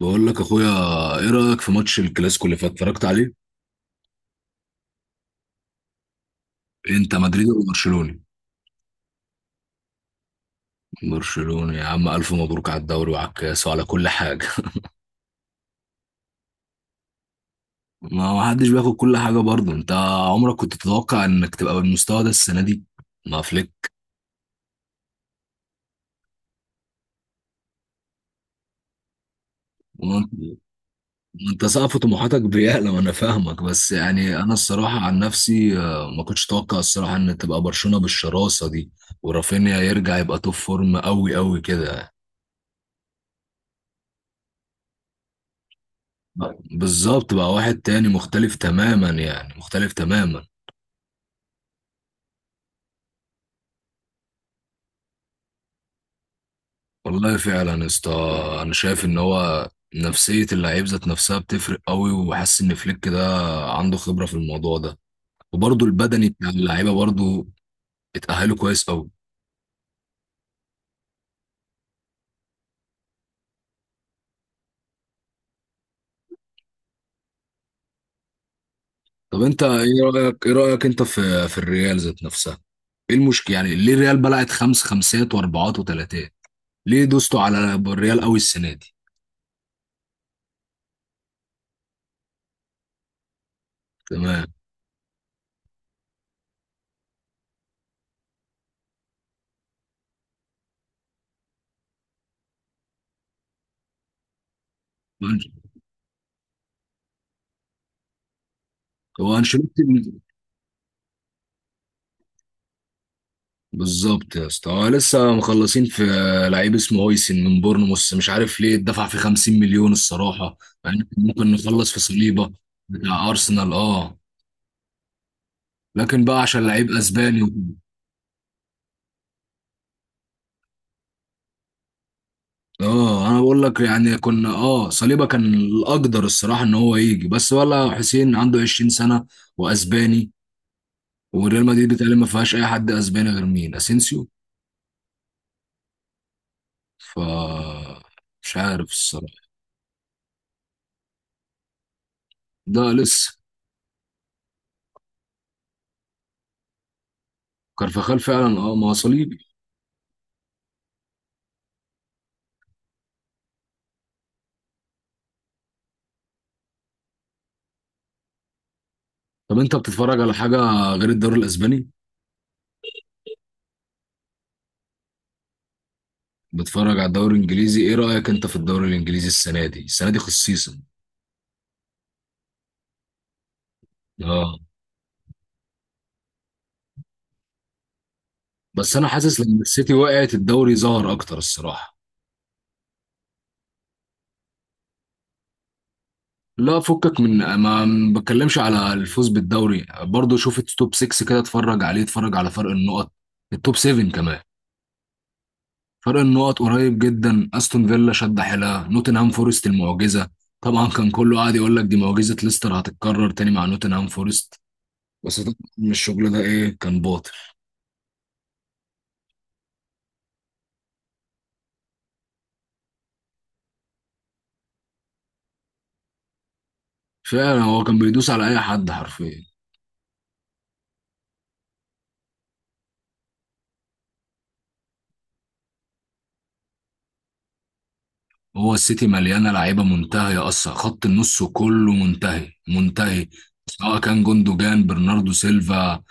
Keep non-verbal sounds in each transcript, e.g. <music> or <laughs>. بقول لك اخويا، ايه رايك في ماتش الكلاسيكو اللي فات؟ اتفرجت عليه؟ انت مدريدي ولا برشلوني؟ برشلوني يا عم، الف مبروك على الدوري وعلى الكاس وعلى كل حاجه. <laughs> ما حدش بياخد كل حاجه برضه. انت عمرك كنت تتوقع انك تبقى بالمستوى ده السنه دي مع فليك؟ وانت وانت سقف طموحاتك بيعلى، وانا فاهمك، بس يعني انا الصراحه عن نفسي، ما كنتش اتوقع الصراحه ان تبقى برشلونه بالشراسه دي، ورافينيا يرجع يبقى توب فورم قوي قوي كده. بالظبط بقى، واحد تاني مختلف تماما، يعني مختلف تماما. والله فعلا يا اسطى، انا شايف ان هو نفسية اللعيب ذات نفسها بتفرق قوي، وحاسس ان فليك ده عنده خبرة في الموضوع ده. وبرضه البدني بتاع اللعيبة برضه اتأهلوا كويس قوي. طب انت ايه رأيك، انت في الريال ذات نفسها؟ ايه المشكلة يعني؟ ليه الريال بلعت خمس خمسات واربعات وتلاتات؟ ليه دوستوا على الريال قوي السنة دي؟ تمام. هو انشيلوتي. بالظبط يا اسطى، هو لسه مخلصين في لعيب اسمه هويسن من بورنموث، مش عارف ليه اتدفع في 50 مليون الصراحه. يعني ممكن نخلص في صليبه بتاع ارسنال، اه، لكن بقى عشان لعيب اسباني وكده. اه انا بقول لك يعني، كنا اه صليبه كان الاقدر الصراحه ان هو يجي، بس ولا حسين عنده 20 سنه واسباني، وريال مدريد بتقريبا ما فيهاش اي حد اسباني غير مين، اسينسيو. ف مش عارف الصراحه. ده لسه. كارفاخال فعلا، اه، ما هو صليبي. طب انت بتتفرج على حاجة غير الدوري الاسباني؟ بتتفرج على الدوري الانجليزي، ايه رأيك انت في الدوري الانجليزي السنة دي، السنة دي خصيصا؟ اه، بس انا حاسس لما السيتي وقعت الدوري ظهر اكتر الصراحة. لا فكك من، ما بتكلمش على الفوز بالدوري، برضو شوف التوب 6 كده، اتفرج عليه، اتفرج على فرق النقط، التوب 7 كمان. فرق النقط قريب جدا، استون فيلا شد حيلها، نوتنهام فورست المعجزة. طبعا كان كله قاعد يقول لك دي معجزة ليستر هتتكرر تاني مع نوتنهام فورست، بس طبعا الشغل ده ايه، كان باطل. فعلا، هو كان بيدوس على اي حد حرفيا. هو السيتي مليانه لعيبه منتهيه اصلا، خط النص كله منتهي منتهي، سواء كان جوندوجان، برناردو سيلفا،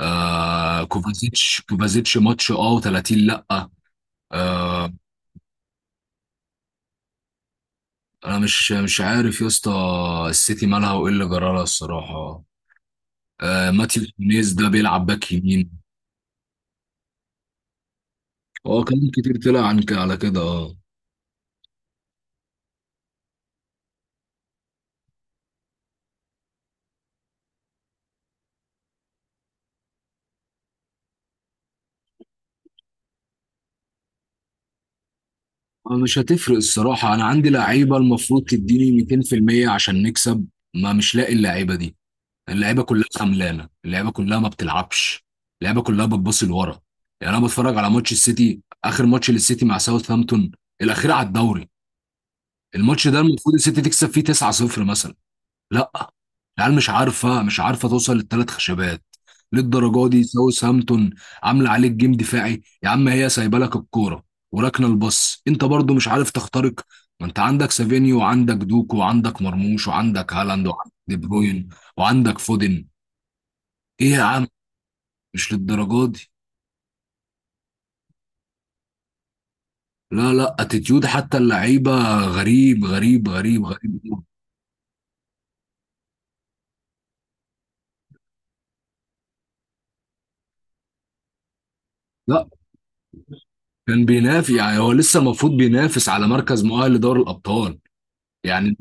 آه كوفازيتش. ماتش اه و30 لا. آه انا مش عارف يا اسطى السيتي مالها، وايه اللي جرالها الصراحه. آه ماتيو نونيز ده بيلعب باك يمين. هو كلام كتير طلع على كده، اه. مش هتفرق الصراحة. أنا عندي لعيبة المفروض تديني 200% عشان نكسب، ما مش لاقي اللعيبة دي. اللعيبة كلها خملانة، اللعيبة كلها ما بتلعبش، اللعيبة كلها بتبص لورا. يعني أنا بتفرج على ماتش السيتي، آخر ماتش للسيتي مع ساوثهامبتون، الأخير على الدوري، الماتش ده المفروض السيتي تكسب فيه 9-0 مثلا. لا، العيال مش عارفه توصل للثلاث خشبات، للدرجه دي ساوث هامبتون. عامله عليك جيم دفاعي يا عم، هي سايبه لك الكوره وراكنه الباص، انت برضو مش عارف تخترق. ما انت عندك سافينيو، وعندك دوكو، وعندك مرموش، وعندك هالاند، وعندك دي بروين، وعندك فودن. ايه يا عم، مش للدرجه دي. لا لا، اتيتيود حتى اللعيبه غريب غريب غريب غريب. لا، كان بينافس يعني، هو لسه المفروض بينافس على مركز مؤهل لدوري الابطال يعني.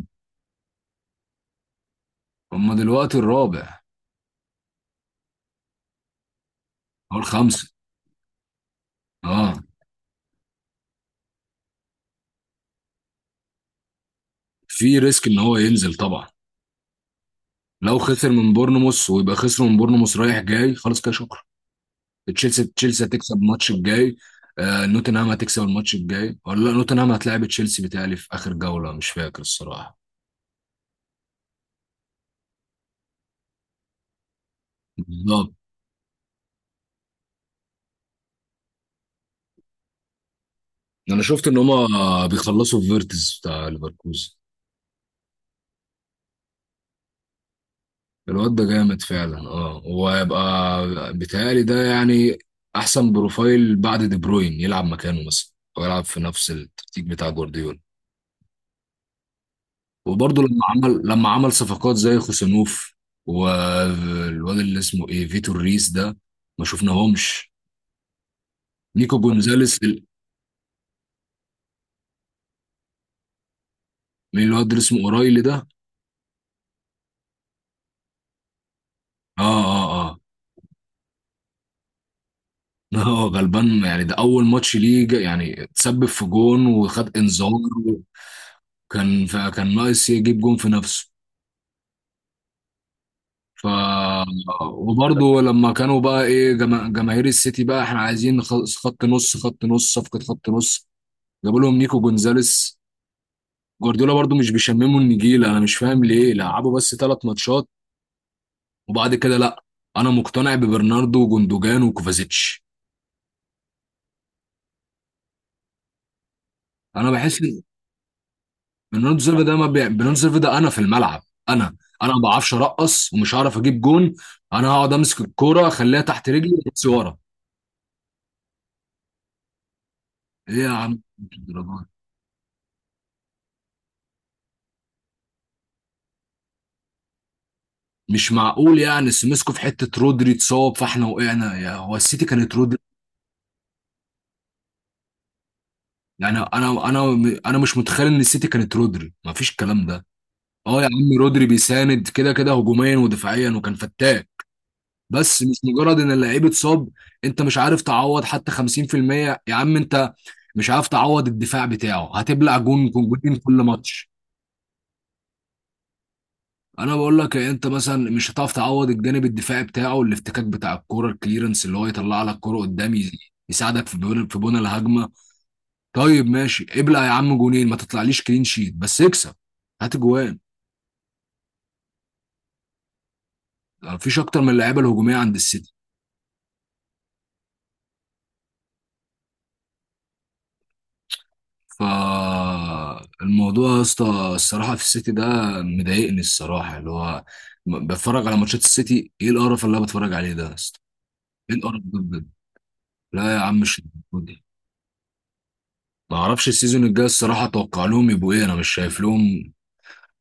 هم دلوقتي الرابع. هو الخمسة. اه. في ريسك ان هو ينزل طبعا. لو خسر من بورنموث، ويبقى خسر من بورنموث رايح جاي، خلاص كده شكرا. تشيلسي، تشيلسي هتكسب الماتش الجاي. آه نوتنهام هتكسب الماتش الجاي ولا لا، نوتنهام هتلاعب تشيلسي بتهيألي في اخر جولة، مش فاكر الصراحة. بالظبط. انا شفت ان هما بيخلصوا في فيرتز بتاع ليفركوزن. الواد ده جامد فعلا، اه، وهيبقى، بيتهيألي ده يعني احسن بروفايل بعد دي بروين، يلعب مكانه مثلا، او يلعب في نفس التكتيك بتاع جوارديولا. وبرضه لما عمل صفقات زي خوسانوف، والواد اللي اسمه ايه، فيتور ريس ده، ما شفناهمش، نيكو جونزاليس، الواد اللي اسمه اورايلي ده. اه اه اه. <laughs> اه غلبان يعني، ده اول ماتش ليه يعني اتسبب في جون وخد انذار. كان ناقص يجيب جون في نفسه. ف وبرضه لما كانوا بقى ايه، جماهير السيتي بقى، احنا عايزين خط نص، صفقة خط نص. جابوا لهم نيكو جونزاليس. جوارديولا برضو مش بيشمموا النجيل، انا مش فاهم ليه لعبوا بس ثلاث ماتشات وبعد كده لا. انا مقتنع ببرناردو وجوندوجان وكوفازيتش. انا بحس ان برناردو سيلفا ده ما بي... برناردو سيلفا ده انا في الملعب، انا انا ما بعرفش ارقص، ومش هعرف اجيب جون. انا هقعد امسك الكوره، اخليها تحت رجلي بس ورا. ايه يا عم، الدرجات دي؟ مش معقول يعني، سمسكوا في حته رودري اتصاب فاحنا وقعنا، يا هو السيتي كانت رودري. يعني انا انا مش متخيل ان السيتي كانت رودري ما فيش الكلام ده. اه يا عم، رودري بيساند كده كده هجوميا ودفاعيا، وكان فتاك. بس مش مجرد ان اللعيب اتصاب، انت مش عارف تعوض حتى 50%. يا عم انت مش عارف تعوض الدفاع بتاعه، هتبلع جون جونين كل ماتش. انا بقول لك إيه، انت مثلا مش هتعرف تعوض الجانب الدفاعي بتاعه، الافتكاك بتاع الكوره، الكليرنس اللي هو يطلع لك كوره قدام، يساعدك في بناء الهجمه. طيب ماشي، ابلع يا عم جونين، ما تطلعليش كلين شيت بس اكسب، هات جوان. مفيش اكتر من اللعيبه الهجوميه عند السيتي. فالموضوع يا اسطى الصراحه في السيتي ده مضايقني الصراحه، اللي هو بتفرج على ماتشات السيتي، ايه القرف اللي انا بتفرج عليه ده يا اسطى؟ ايه القرف ده بجد؟ لا يا عم، مش الدرجة دي. ما اعرفش السيزون الجاي الصراحه اتوقع لهم يبقوا ايه، انا مش شايف لهم.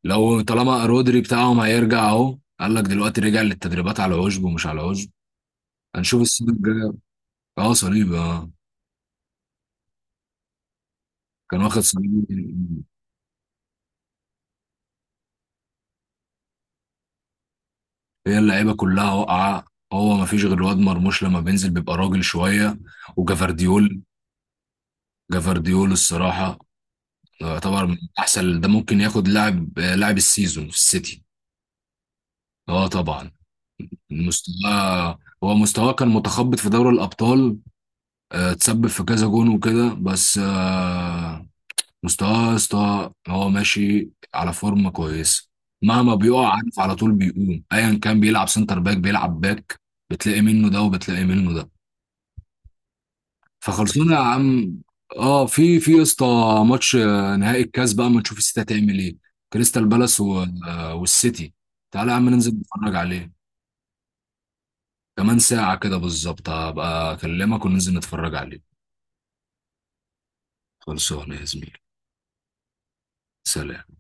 لو طالما رودري بتاعهم هيرجع، اهو قال لك دلوقتي رجع للتدريبات على عشب ومش على عشب، هنشوف السيزون الجاي. اه صليبي اه. كان واخد صليبي. هي اللعيبه كلها واقعه. هو ما فيش غير الواد مرموش، لما بينزل بيبقى راجل شويه، وجافارديول. جافارديول الصراحه يعتبر من احسن، ده ممكن ياخد لاعب، السيزون في السيتي. اه طبعا. مستواه هو، مستواه كان متخبط في دوري الابطال، تسبب في كذا جون وكده، بس مستواه يا اسطى هو ماشي على فورمه كويسه، مهما بيقع عارف على طول بيقوم، ايا كان بيلعب سنتر باك، بيلعب باك، بتلاقي منه ده وبتلاقي منه ده. فخلصونا يا عم. اه، في يا اسطى ماتش، نهائي الكاس بقى، ما نشوف السيتي هتعمل ايه، كريستال بالاس والسيتي. تعالى يا عم ننزل نتفرج عليه. كمان ساعة كده بالظبط هبقى اكلمك وننزل نتفرج عليه. خلصونا يا زميلي. سلام.